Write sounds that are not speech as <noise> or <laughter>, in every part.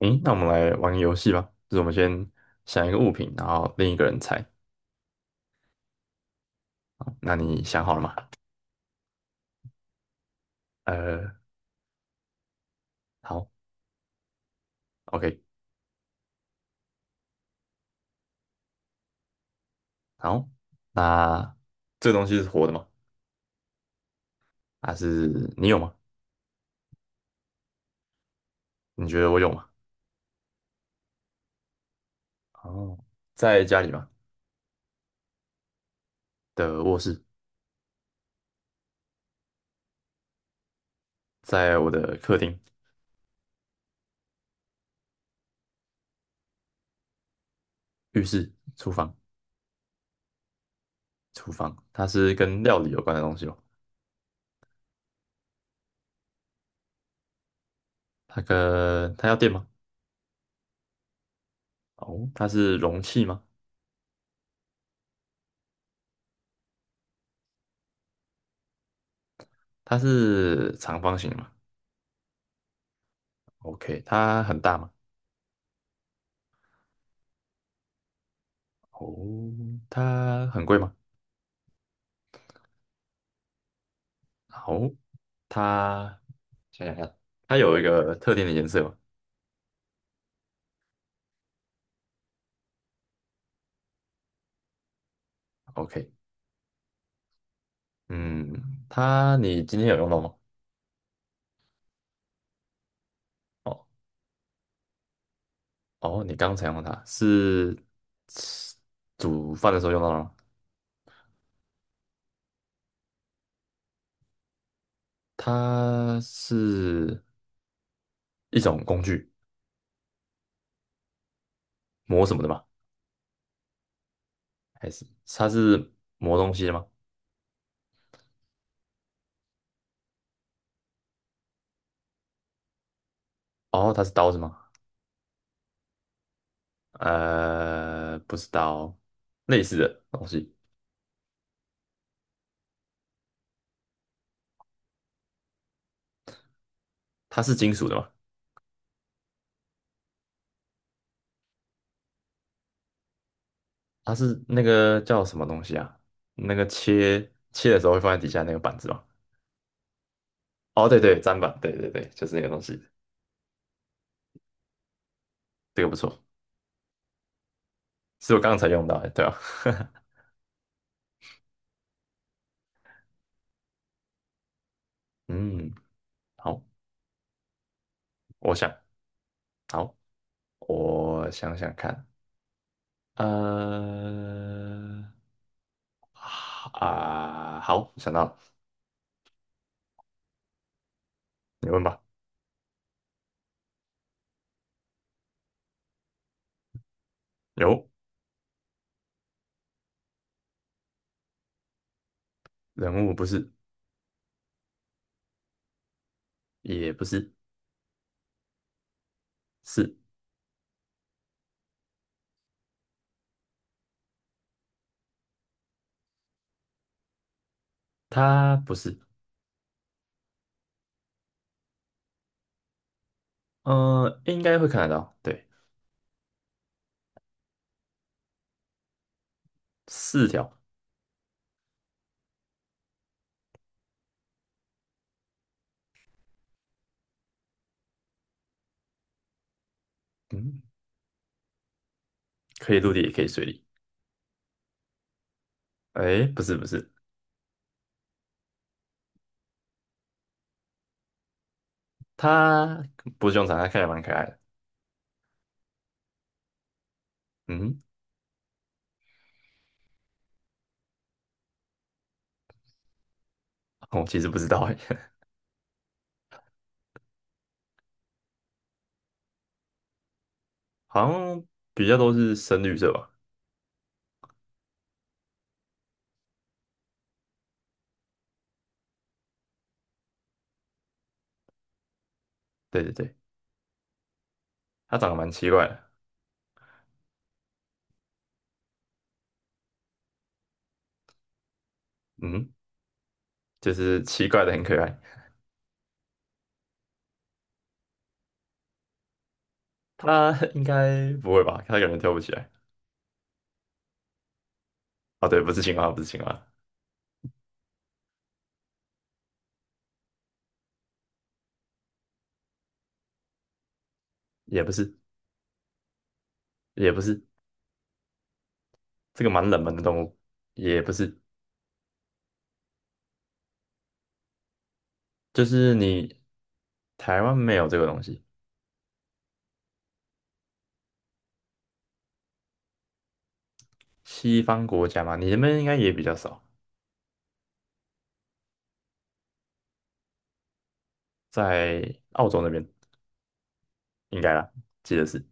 嗯，那我们来玩个游戏吧，就是我们先想一个物品，然后另一个人猜。好那你想好了吗？呃，好，OK，好。那这个东西是活的吗？还是你有吗？你觉得我有吗？哦，在家里吗？的卧室，在我的客厅、浴室、厨房、厨房。它是跟料理有关的东西吗？它要电吗？哦，它是容器吗？它是长方形的吗？OK，它很大吗？哦，它很贵吗？哦，它想想看，它有一个特定的颜色吗？OK，嗯，你今天有用到吗？哦哦，你刚才用到它是吃煮饭的时候用到的吗？它是一种工具，磨什么的吗？还是它是磨东西的吗？哦，它是刀子吗？不是刀，类似的东西，它是金属的吗？它是那个叫什么东西啊？那个切的时候会放在底下那个板子吗？哦，对对，砧板，对对对，就是那个东西，这个不错，是我刚才用到的，对啊，<laughs> 嗯，好，我想，好，我想想看，呃，啊，好，想到了，你问吧。有人物不是，也不是，是它不是，应该会看得到，对，四条，嗯，可以陆地也可以水里，哎，不是不是，它不是凶残，它看起来蛮可爱的。嗯，我其实不知道哎，<laughs> 好像比较都是深绿色吧。对对对，它长得蛮奇怪的。嗯，就是奇怪的很可爱。它 <laughs> 应该不会吧？它可能跳不起来。哦，对，不是青蛙，不是青蛙，也不是，也不是，这个蛮冷门的动物，也不是，就是你台湾没有这个东西，西方国家嘛，你那边应该也比较少，在澳洲那边应该啦，记得是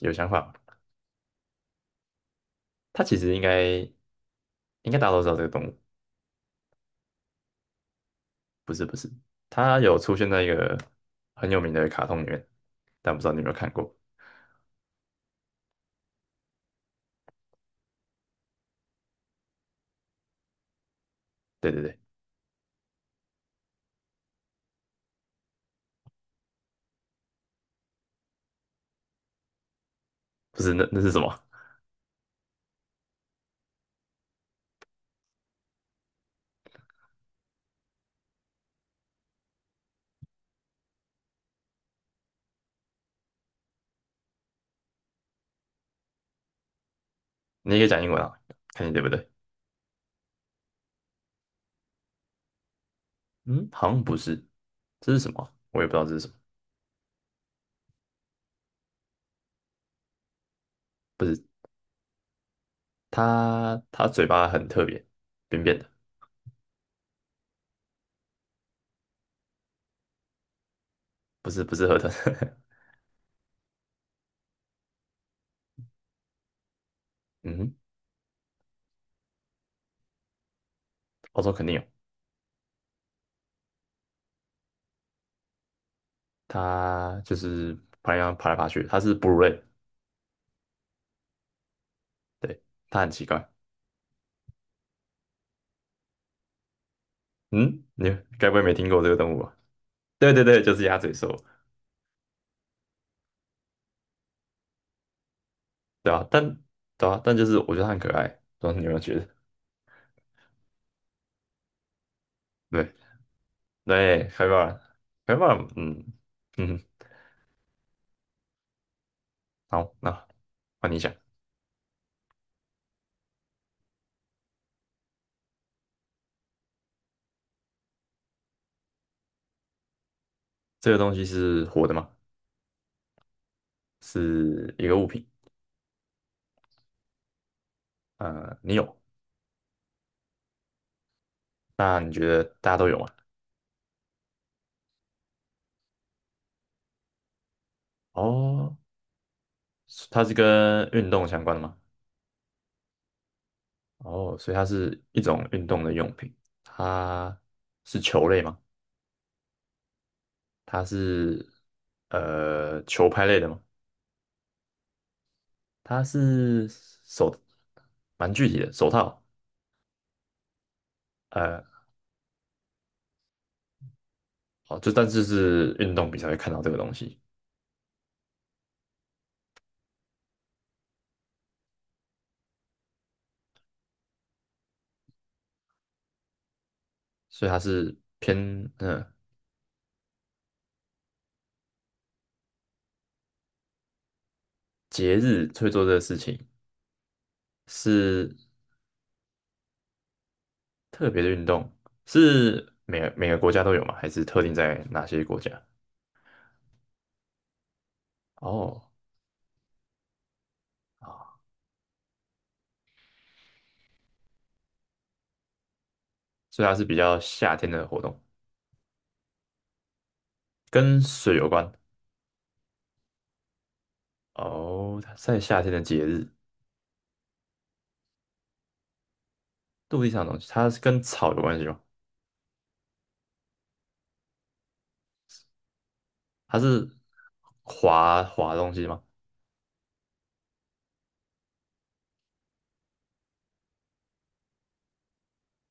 有想法吧它其实应该大家都知道这个动物，不是不是，它有出现在一个很有名的卡通里面，但不知道你有没有看过？对对对，不是那是什么？你也可以讲英文啊，看你对不对？嗯，好像不是，这是什么啊？我也不知道这是什么，不是它嘴巴很特别，扁扁的，不是不是河豚，<laughs> 嗯哼，欧洲肯定有，它就是爬来爬去，它是哺乳类，对，它很奇怪，嗯，你该不会没听过这个动物吧？对对对，就是鸭嘴兽。对啊，但对啊，但就是我觉得他很可爱，不知道你有没有觉得？<laughs> 对对，开挂了，开挂了，嗯嗯，好，那换你讲，这个东西是活的吗？是一个物品，你有，那你觉得大家都有吗？哦，它是跟运动相关的吗？哦，所以它是一种运动的用品，它是球类吗？它是球拍类的吗？它是手，蛮具体的手套。呃，好，就但是是运动比才会看到这个东西，所以它是偏嗯、呃节日会做这个事情，是特别的运动，是每个国家都有吗？还是特定在哪些国家？哦，啊，所以它是比较夏天的活动，跟水有关。哦，它在夏天的节日，陆地上的东西，它是跟草有关系吗？它是滑滑东西吗？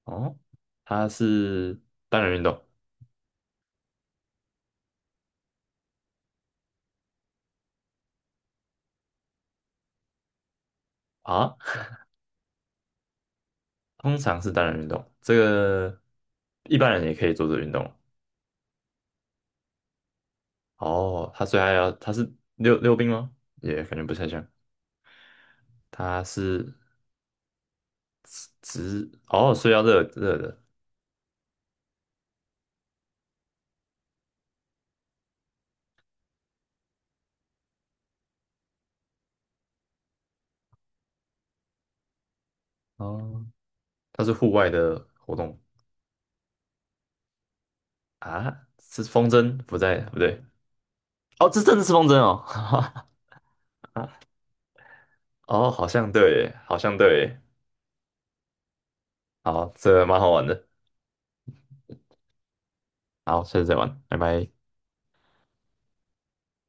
哦，它是单人运动啊？通常是单人运动，这个一般人也可以做做个运动。哦，他虽然要他是溜溜冰吗？也感觉不太像，他是直哦，所以要热热的哦，他是户外的活动啊，是风筝不在不对哦，这真的是风筝哦，<laughs> 哦，好像对耶，好像对耶，好，这蛮好玩的，好，下次再玩，拜拜。